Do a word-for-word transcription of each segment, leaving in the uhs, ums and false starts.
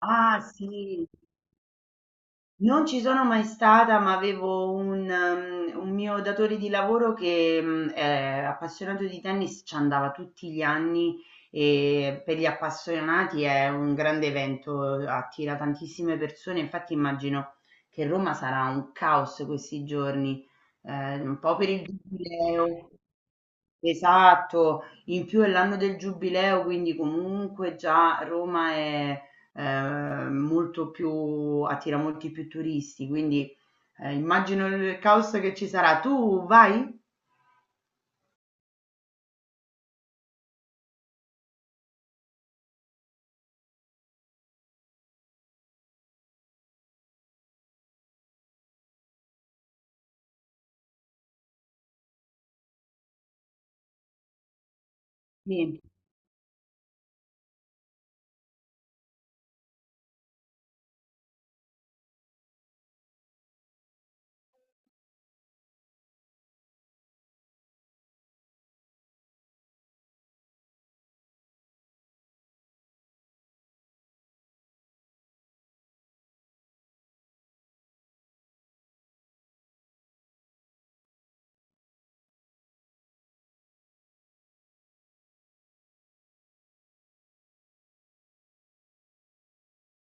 Ah, sì, non ci sono mai stata, ma avevo un, ehm, un mio datore di lavoro che mh, è appassionato di tennis, ci andava tutti gli anni e per gli appassionati è un grande evento, attira tantissime persone. Infatti immagino che Roma sarà un caos questi giorni, eh, un po' per il giubileo. Esatto, in più è l'anno del giubileo, quindi comunque già Roma è eh, molto più, attira molti più turisti, quindi eh, immagino il caos che ci sarà. Tu vai? Sì.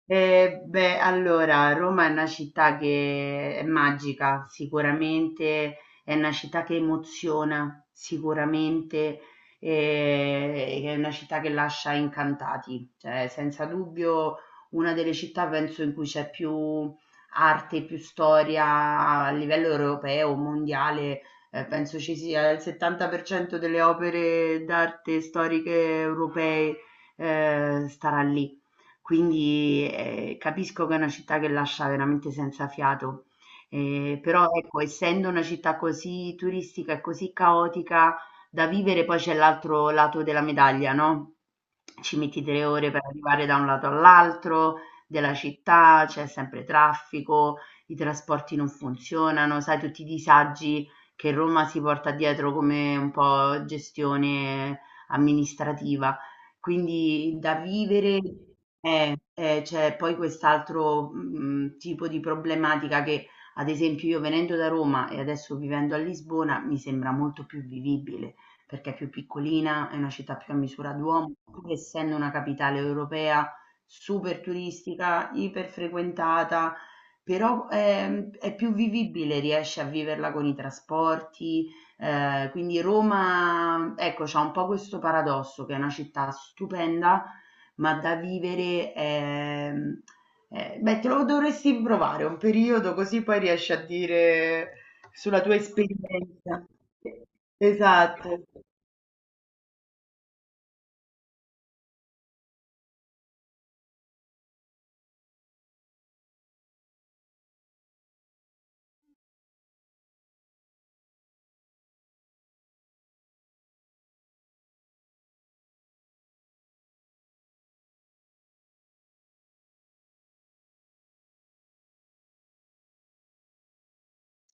Eh, beh, allora, Roma è una città che è magica, sicuramente è una città che emoziona, sicuramente eh, è una città che lascia incantati, cioè senza dubbio una delle città penso in cui c'è più arte, più storia a livello europeo, mondiale. Eh, penso ci sia il settanta per cento delle opere d'arte storiche europee eh, starà lì. Quindi, ehm, capisco che è una città che lascia veramente senza fiato, ehm, però ecco, essendo una città così turistica e così caotica, da vivere poi c'è l'altro lato della medaglia, no? Ci metti tre ore per arrivare da un lato all'altro della città, c'è sempre traffico, i trasporti non funzionano, sai tutti i disagi che Roma si porta dietro come un po' gestione amministrativa. Quindi da vivere eh, eh, c'è poi quest'altro, mhmm, tipo di problematica che, ad esempio, io venendo da Roma e adesso vivendo a Lisbona, mi sembra molto più vivibile, perché è più piccolina, è una città più a misura d'uomo, pur essendo una capitale europea super turistica, iper frequentata, però, ehm, è più vivibile, riesci a viverla con i trasporti, ehm, quindi Roma, ecco, c'ha un po' questo paradosso che è una città stupenda, ma da vivere, ehm, ehm, beh, te lo dovresti provare un periodo così poi riesci a dire sulla tua esperienza. Esatto,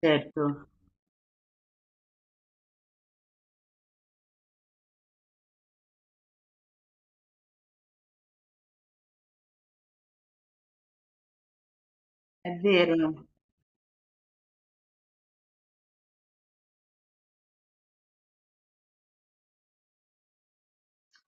certo, è vero.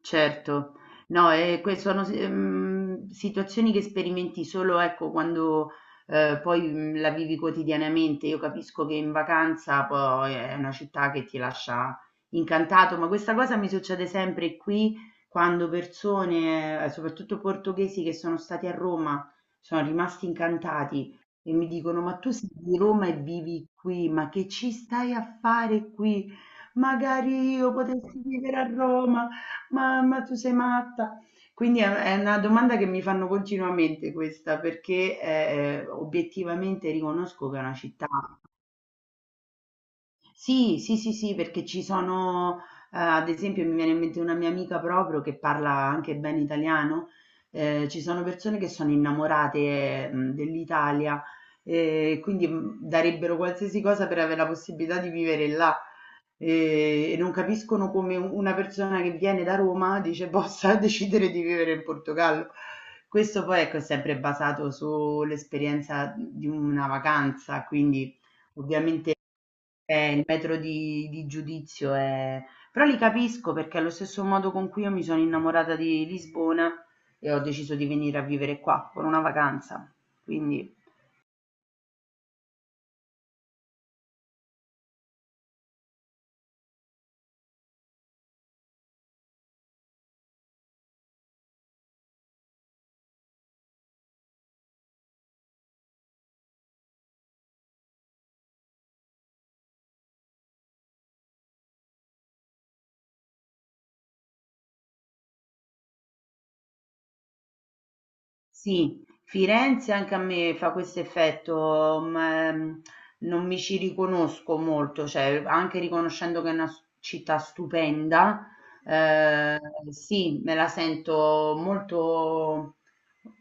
Certo. No, ehm, que sono si mhmm, situazioni che sperimenti solo, ecco, quando, ehm, poi, mhmm, la vivi quotidianamente. Io capisco che in vacanza poi è una città che ti lascia incantato, ma questa cosa mi succede sempre qui quando persone, ehm, soprattutto portoghesi che sono stati a Roma, sono rimasti incantati e mi dicono: "Ma tu sei di Roma e vivi qui, ma che ci stai a fare qui? Magari io potessi vivere a Roma". Ma ma tu sei matta? Quindi è è una domanda che mi fanno continuamente questa, perché, ehm, obiettivamente riconosco che è una città sì, sì, sì, sì, perché ci sono, ehm, ad esempio mi viene in mente una mia amica proprio che parla anche bene italiano, ehm, ci sono persone che sono innamorate, mhmm, dell'Italia, ehm, quindi, mhmm, darebbero qualsiasi cosa per avere la possibilità di vivere là. Ehm, e non capiscono come u una persona che viene da Roma dice possa decidere di vivere in Portogallo. Questo poi, ecco, è sempre basato sull'esperienza di una vacanza, quindi ovviamente eh, il metro di di giudizio è però li capisco perché allo stesso modo con cui io mi sono innamorata di Lisbona e ho deciso di venire a vivere qua con una vacanza. Quindi sì, Firenze anche a me fa questo effetto, ma mm, ehm, non mi ci riconosco molto, cioè anche riconoscendo che è una s- città stupenda, eh, sì, me la sento molto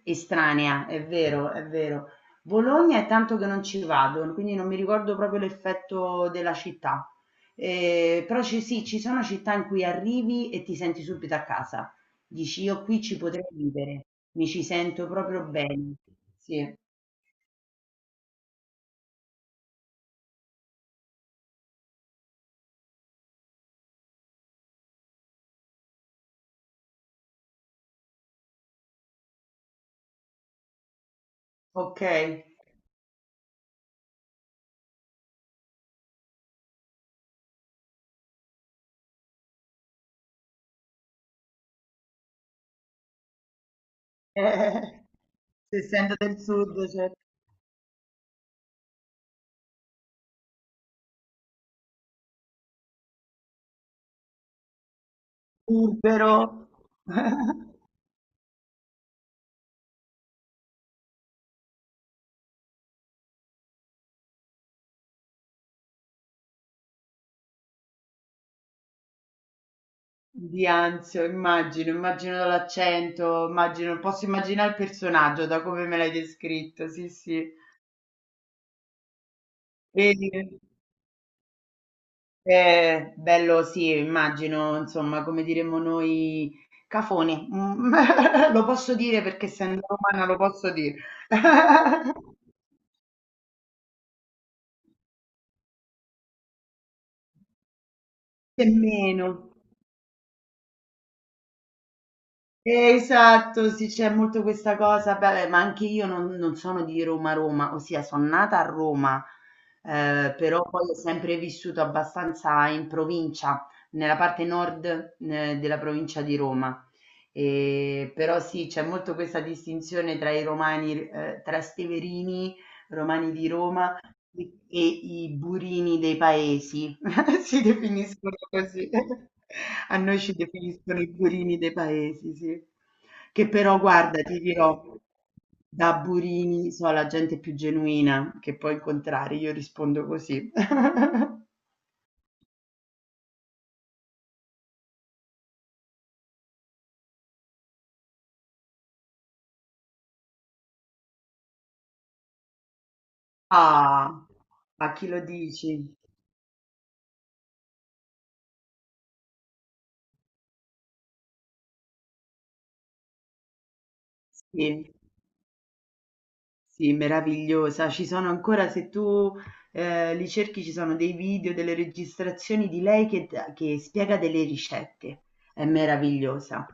estranea, è vero, è vero. Bologna è tanto che non ci vado, quindi non mi ricordo proprio l'effetto della città. Eh, però ci, sì, ci sono città in cui arrivi e ti senti subito a casa. Dici: "Io qui ci potrei vivere, mi ci sento proprio bene". Sì, okay. Eh, Se essendo del sud c'è burbero, di Anzio, immagino, immagino dall'accento, immagino posso immaginare il personaggio da come me l'hai descritto, sì, sì. E eh, bello sì, immagino, insomma, come diremmo noi, cafone. Mhmm, lo posso dire perché essendo romana lo posso dire. Nemmeno. Eh, Esatto, sì, c'è molto questa cosa, beh, ma anche io non, non sono di Roma Roma, ossia sono nata a Roma, eh, però poi ho sempre vissuto abbastanza in provincia, nella parte nord, eh, della provincia di Roma. E, però sì, c'è molto questa distinzione tra i romani, eh, tra steverini, romani di Roma e i burini dei paesi. Si definiscono così. A noi ci definiscono i burini dei paesi, sì. Che però, guarda, ti dirò, da burini so la gente più genuina che puoi incontrare, io rispondo così. Ah, a chi lo dici? Sì. Sì, meravigliosa. Ci sono ancora, se tu eh, li cerchi, ci sono dei video, delle registrazioni di lei che, che spiega delle ricette. È meravigliosa.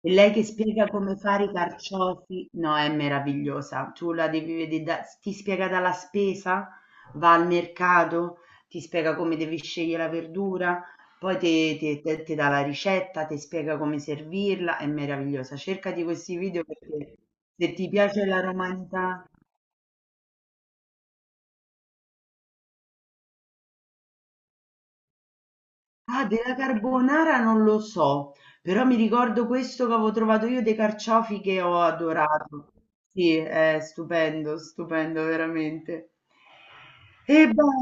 E lei che spiega come fare i carciofi, no, è meravigliosa. Tu la devi vedere, da- ti spiega dalla spesa, va al mercato, ti spiega come devi scegliere la verdura, poi te- te- te- ti dà la ricetta, ti spiega come servirla, è meravigliosa. Cercati questi video perché se ti piace la romanità. Ah, della carbonara non lo so, però mi ricordo questo che avevo trovato io dei carciofi che ho adorato. Sì, è stupendo, stupendo veramente. E beh,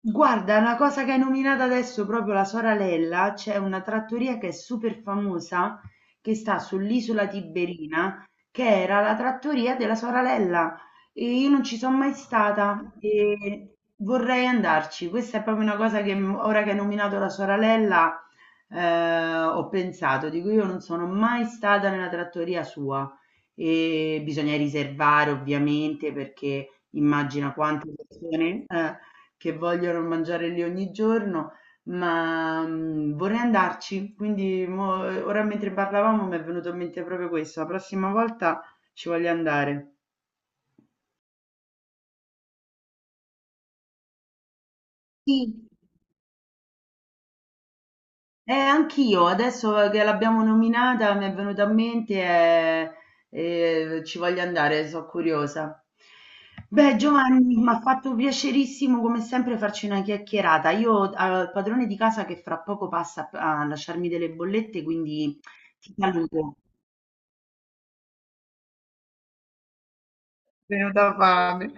guarda, una cosa che hai nominato adesso, proprio la Soralella, c'è una trattoria che è super famosa, che sta sull'isola Tiberina, che era la trattoria della Soralella. E io non ci sono mai stata e vorrei andarci. Questa è proprio una cosa che m- ora che hai nominato la Soralella, eh, ho pensato, dico io non sono mai stata nella trattoria sua e bisogna riservare ovviamente perché immagina quante persone... eh, che vogliono mangiare lì ogni giorno, ma, mhmm, vorrei andarci. Quindi mo ora mentre parlavamo mi è venuto in mente proprio questo, la prossima volta ci voglio andare. Sì. Eh, anch'io, adesso che l'abbiamo nominata mi è venuta a mente e e ci voglio andare, so' curiosa. Beh, Giovanni, m'ha fatto piacerissimo come sempre farci una chiacchierata. Io ho al padrone di casa che fra poco passa a p a lasciarmi delle bollette, quindi ti saluto. Venuta fame.